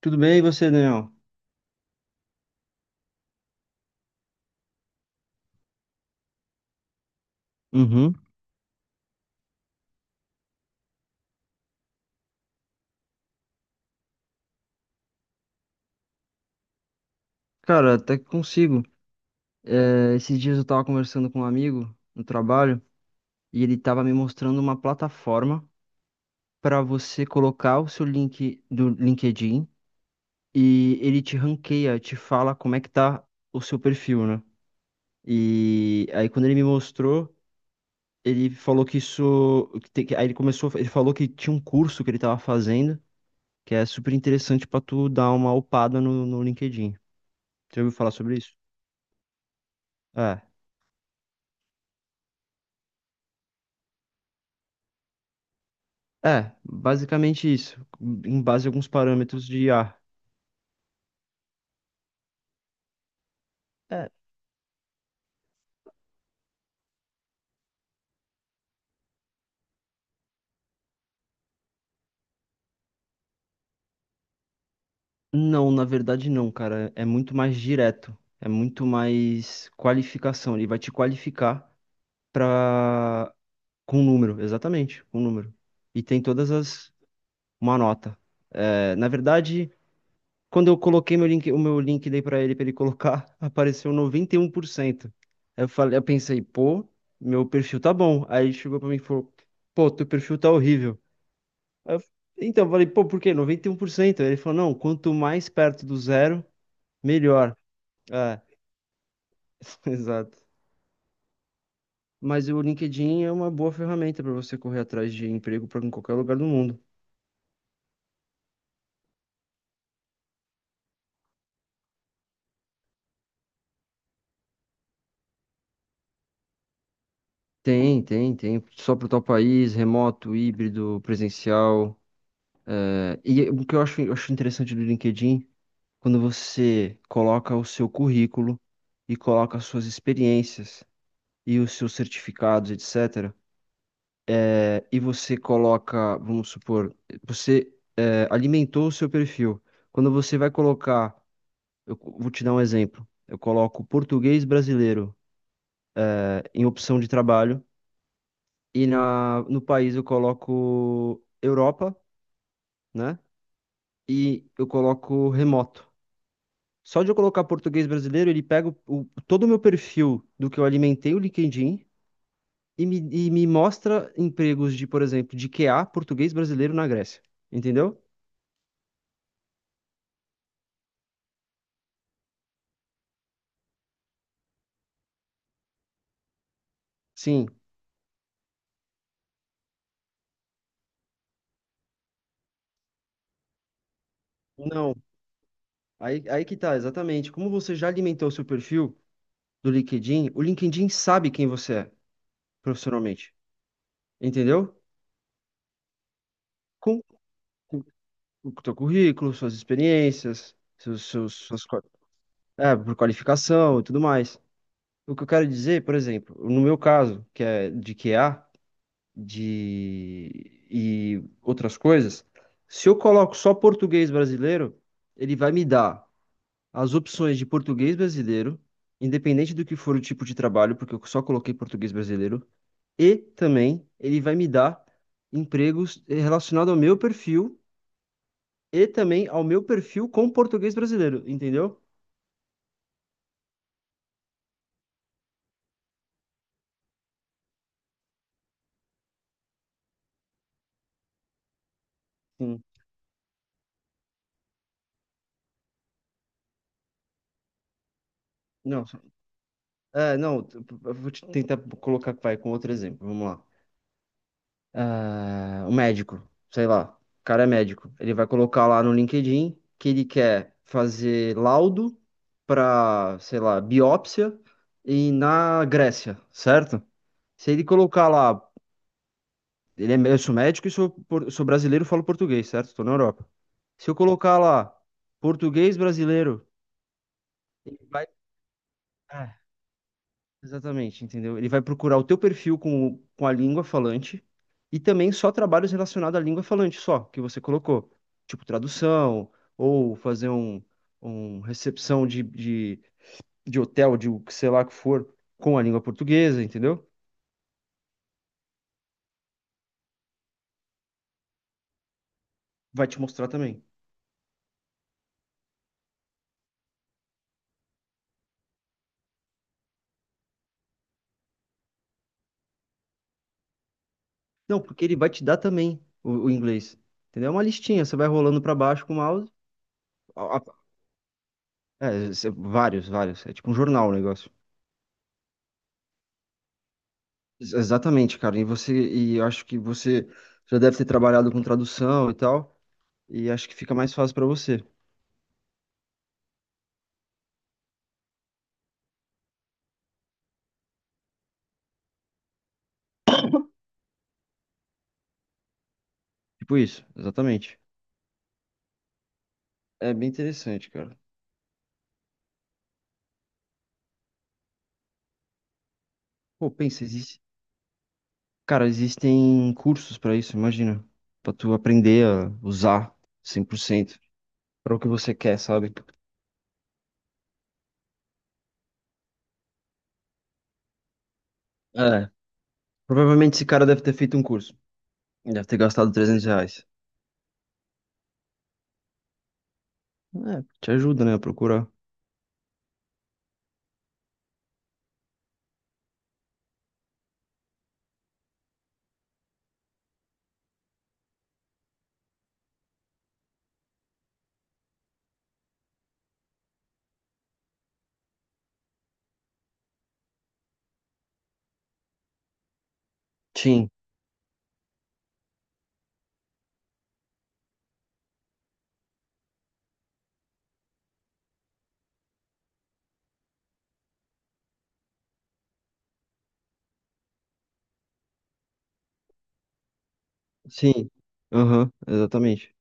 Tudo bem, e você, Daniel? Uhum. Cara, até que consigo. É, esses dias eu tava conversando com um amigo no trabalho e ele tava me mostrando uma plataforma para você colocar o seu link do LinkedIn e ele te ranqueia, te fala como é que tá o seu perfil, né? E aí quando ele me mostrou, ele falou que isso, que tem que- aí ele começou, ele falou que tinha um curso que ele tava fazendo que é super interessante para tu dar uma upada no LinkedIn. Você ouviu falar sobre isso? É. É, basicamente isso, em base a alguns parâmetros de IA. É, não, na verdade não, cara, é muito mais direto, é muito mais qualificação, ele vai te qualificar pra... com número, exatamente, com número. E tem todas as... uma nota. É, na verdade, quando eu coloquei meu link, o meu link dei pra ele, colocar, apareceu 91%. Aí eu falei, eu pensei, pô, meu perfil tá bom. Aí ele chegou pra mim e falou, pô, teu perfil tá horrível. Aí eu f- Então, eu falei, pô, por quê? 91%. Aí ele falou, não, quanto mais perto do zero, melhor. É, exato. Mas o LinkedIn é uma boa ferramenta para você correr atrás de emprego para em qualquer lugar do mundo. Tem, tem, tem. Só para o teu país, remoto, híbrido, presencial. É, e o que eu acho interessante do LinkedIn, quando você coloca o seu currículo e coloca as suas experiências e os seus certificados, etc. É, e você coloca, vamos supor, você alimentou o seu perfil. Quando você vai colocar, vou te dar um exemplo. Eu coloco português brasileiro em opção de trabalho e no país eu coloco Europa, né? E eu coloco remoto. Só de eu colocar português brasileiro, ele pega todo o meu perfil do que eu alimentei o LinkedIn e me mostra empregos de, por exemplo, de Q a português brasileiro na Grécia. Entendeu? Sim. Não, aí que tá, exatamente. Como você já alimentou o seu perfil do LinkedIn, o LinkedIn sabe quem você é profissionalmente, entendeu? Com com o teu currículo, suas experiências, é, por qualificação e tudo mais. O que eu quero dizer, por exemplo, no meu caso, que é de QA, de e outras coisas, se eu coloco só português brasileiro, ele vai me dar as opções de português brasileiro, independente do que for o tipo de trabalho, porque eu só coloquei português brasileiro, e também ele vai me dar empregos relacionados ao meu perfil e também ao meu perfil com português brasileiro, entendeu? Sim. Não, é, não, eu vou te tentar colocar, vai, com outro exemplo, vamos lá. O médico, sei lá, o cara é médico. Ele vai colocar lá no LinkedIn que ele quer fazer laudo para, sei lá, biópsia e na Grécia, certo? Se ele colocar lá, eu sou médico e sou brasileiro, falo português, certo? Estou na Europa. Se eu colocar lá português brasileiro, ele vai. é, Exatamente, entendeu? Ele vai procurar o teu perfil com a língua falante e também só trabalhos relacionados à língua falante, só, que você colocou. Tipo tradução, ou fazer um recepção de hotel, de o que sei lá que for, com a língua portuguesa, entendeu? Vai te mostrar também. Não, porque ele vai te dar também o inglês, entendeu? É uma listinha, você vai rolando para baixo com o mouse. a- a- vários, vários. É tipo um jornal o negócio. Exatamente, cara. E eu acho que você já deve ter trabalhado com tradução e tal, e acho que fica mais fácil pra você. Tipo isso, exatamente. É bem interessante, cara. Pô, pensa, cara, existem cursos pra isso, imagina, pra tu aprender a usar 100% pra o que você quer, sabe? É. Provavelmente esse cara deve ter feito um curso. Deve ter gastado 300 reais. É, te ajuda, né, a procurar. Sim, sim. Aham, exatamente.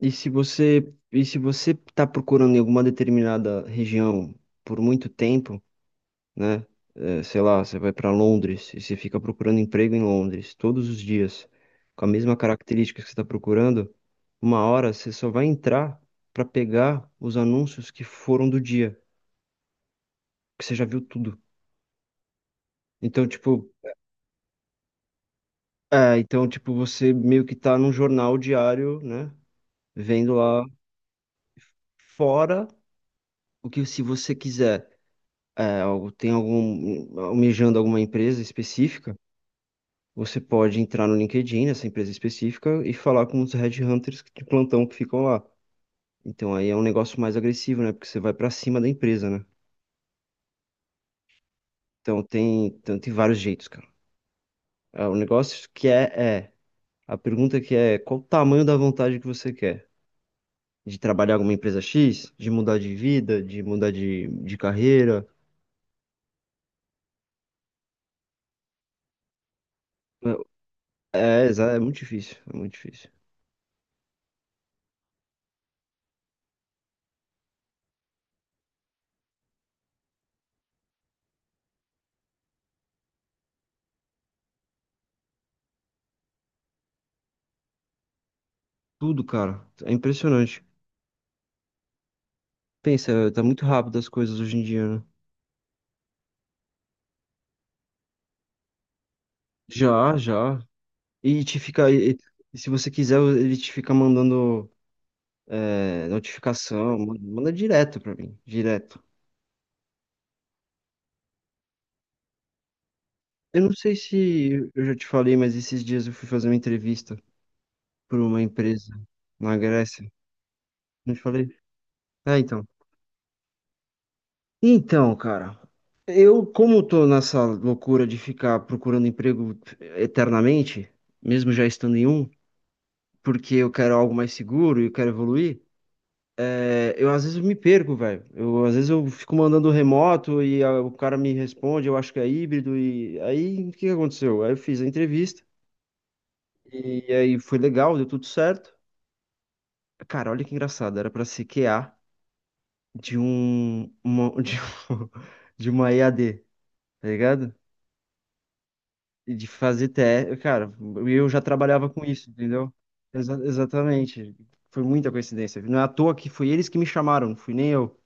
E se você está procurando em alguma determinada região por muito tempo, né? Sei lá, você vai para Londres e você fica procurando emprego em Londres todos os dias, com a mesma característica que você está procurando, uma hora você só vai entrar para pegar os anúncios que foram do dia, que você já viu tudo. Então, tipo, então, tipo, você meio que tá num jornal diário, né? Vendo lá fora o que se você quiser. Tem algum, almejando alguma empresa específica, você pode entrar no LinkedIn, nessa empresa específica, e falar com os headhunters de plantão que ficam lá. Então aí é um negócio mais agressivo, né? Porque você vai pra cima da empresa, né? Então, tem vários jeitos, cara. É, o negócio que é, é, a pergunta que é, qual o tamanho da vontade que você quer? De trabalhar alguma empresa X? De mudar de vida? De mudar de carreira? É, é, é muito difícil, é muito difícil. Tudo, cara. É impressionante. Pensa, tá muito rápido as coisas hoje em dia, né? Já, já. E te fica. E se você quiser, ele te fica mandando notificação, manda direto pra mim, direto. Eu não sei se eu já te falei, mas esses dias eu fui fazer uma entrevista por uma empresa na Grécia. Não te falei? Ah, então. Então, cara, como tô nessa loucura de ficar procurando emprego eternamente, mesmo já estando em um, porque eu quero algo mais seguro e eu quero evoluir. É, eu às vezes eu me perco, velho. Eu às vezes eu fico mandando remoto e o cara me responde, eu acho que é híbrido e aí o que que aconteceu? Aí eu fiz a entrevista e aí foi legal, deu tudo certo. Cara, olha que engraçado, era pra ser QA de um uma, de, um- de uma EAD, tá ligado? E de fazer TE, cara, eu já trabalhava com isso, entendeu? Exatamente. Foi muita coincidência. Não é à toa que foi eles que me chamaram, não fui nem eu.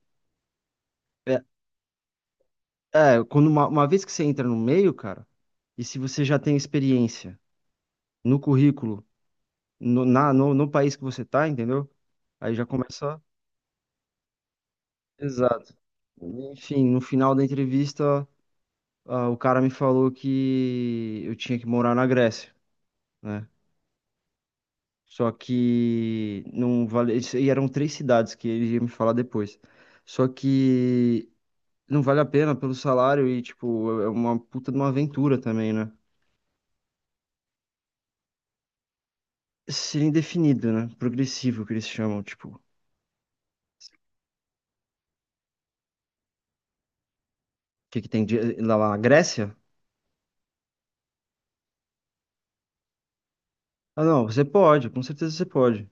É, quando uma vez que você entra no meio, cara, e se você já tem experiência no currículo, no, na, no, no país que você tá, entendeu? Aí já começa. Exato. Enfim, no final da entrevista, o cara me falou que eu tinha que morar na Grécia, né? Só que não vale. E eram três cidades que ele ia me falar depois. Só que não vale a pena pelo salário e, tipo, é uma puta de uma aventura também, né? Seria indefinido, né? Progressivo, que eles chamam, tipo, o que que tem lá na Grécia? Ah, não, você pode, com certeza você pode.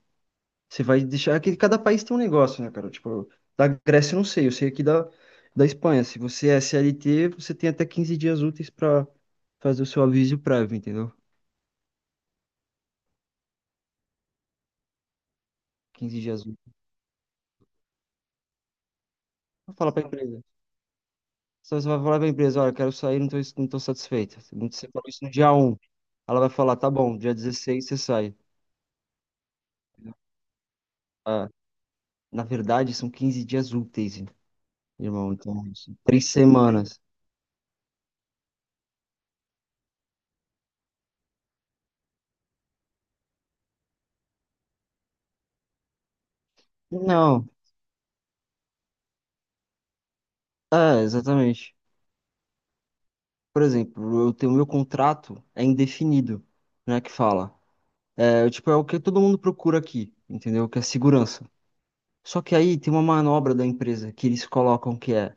Você vai deixar é que cada país tem um negócio, né, cara? Tipo, da Grécia eu não sei, eu sei aqui da Espanha. Se você é CLT, você tem até 15 dias úteis pra fazer o seu aviso prévio, entendeu? 15 dias úteis. Vai falar pra empresa. Você vai falar pra empresa, olha, quero sair, não tô satisfeita. Você falou isso no dia um. Ela vai falar, tá bom, dia 16 você sai. Ah, na verdade, são 15 dias úteis. Irmão, então, assim, 3 semanas. Não, exatamente. Por exemplo, eu tenho meu contrato é indefinido, né, que fala. É, tipo, é o que todo mundo procura aqui, entendeu? Que é segurança. Só que aí tem uma manobra da empresa que eles colocam que é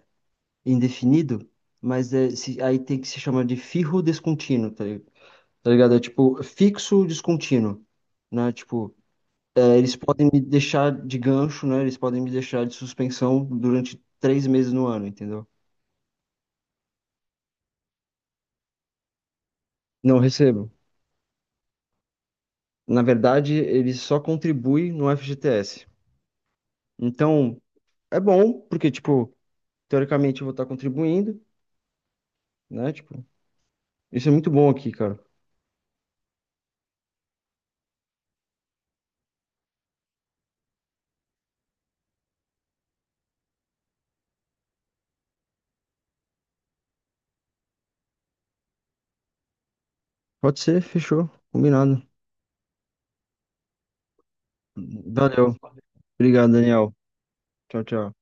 indefinido, mas aí tem que se chama de firro descontínuo, tá ligado? É tipo fixo descontínuo, né? Tipo, eles podem me deixar de gancho, né? Eles podem me deixar de suspensão durante 3 meses no ano, entendeu? Não recebo. Na verdade, ele só contribui no FGTS. Então, é bom, porque, tipo, teoricamente eu vou estar contribuindo, né? Tipo, isso é muito bom aqui, cara. Pode ser, fechou, combinado. Valeu. Obrigado, Daniel. Tchau, tchau.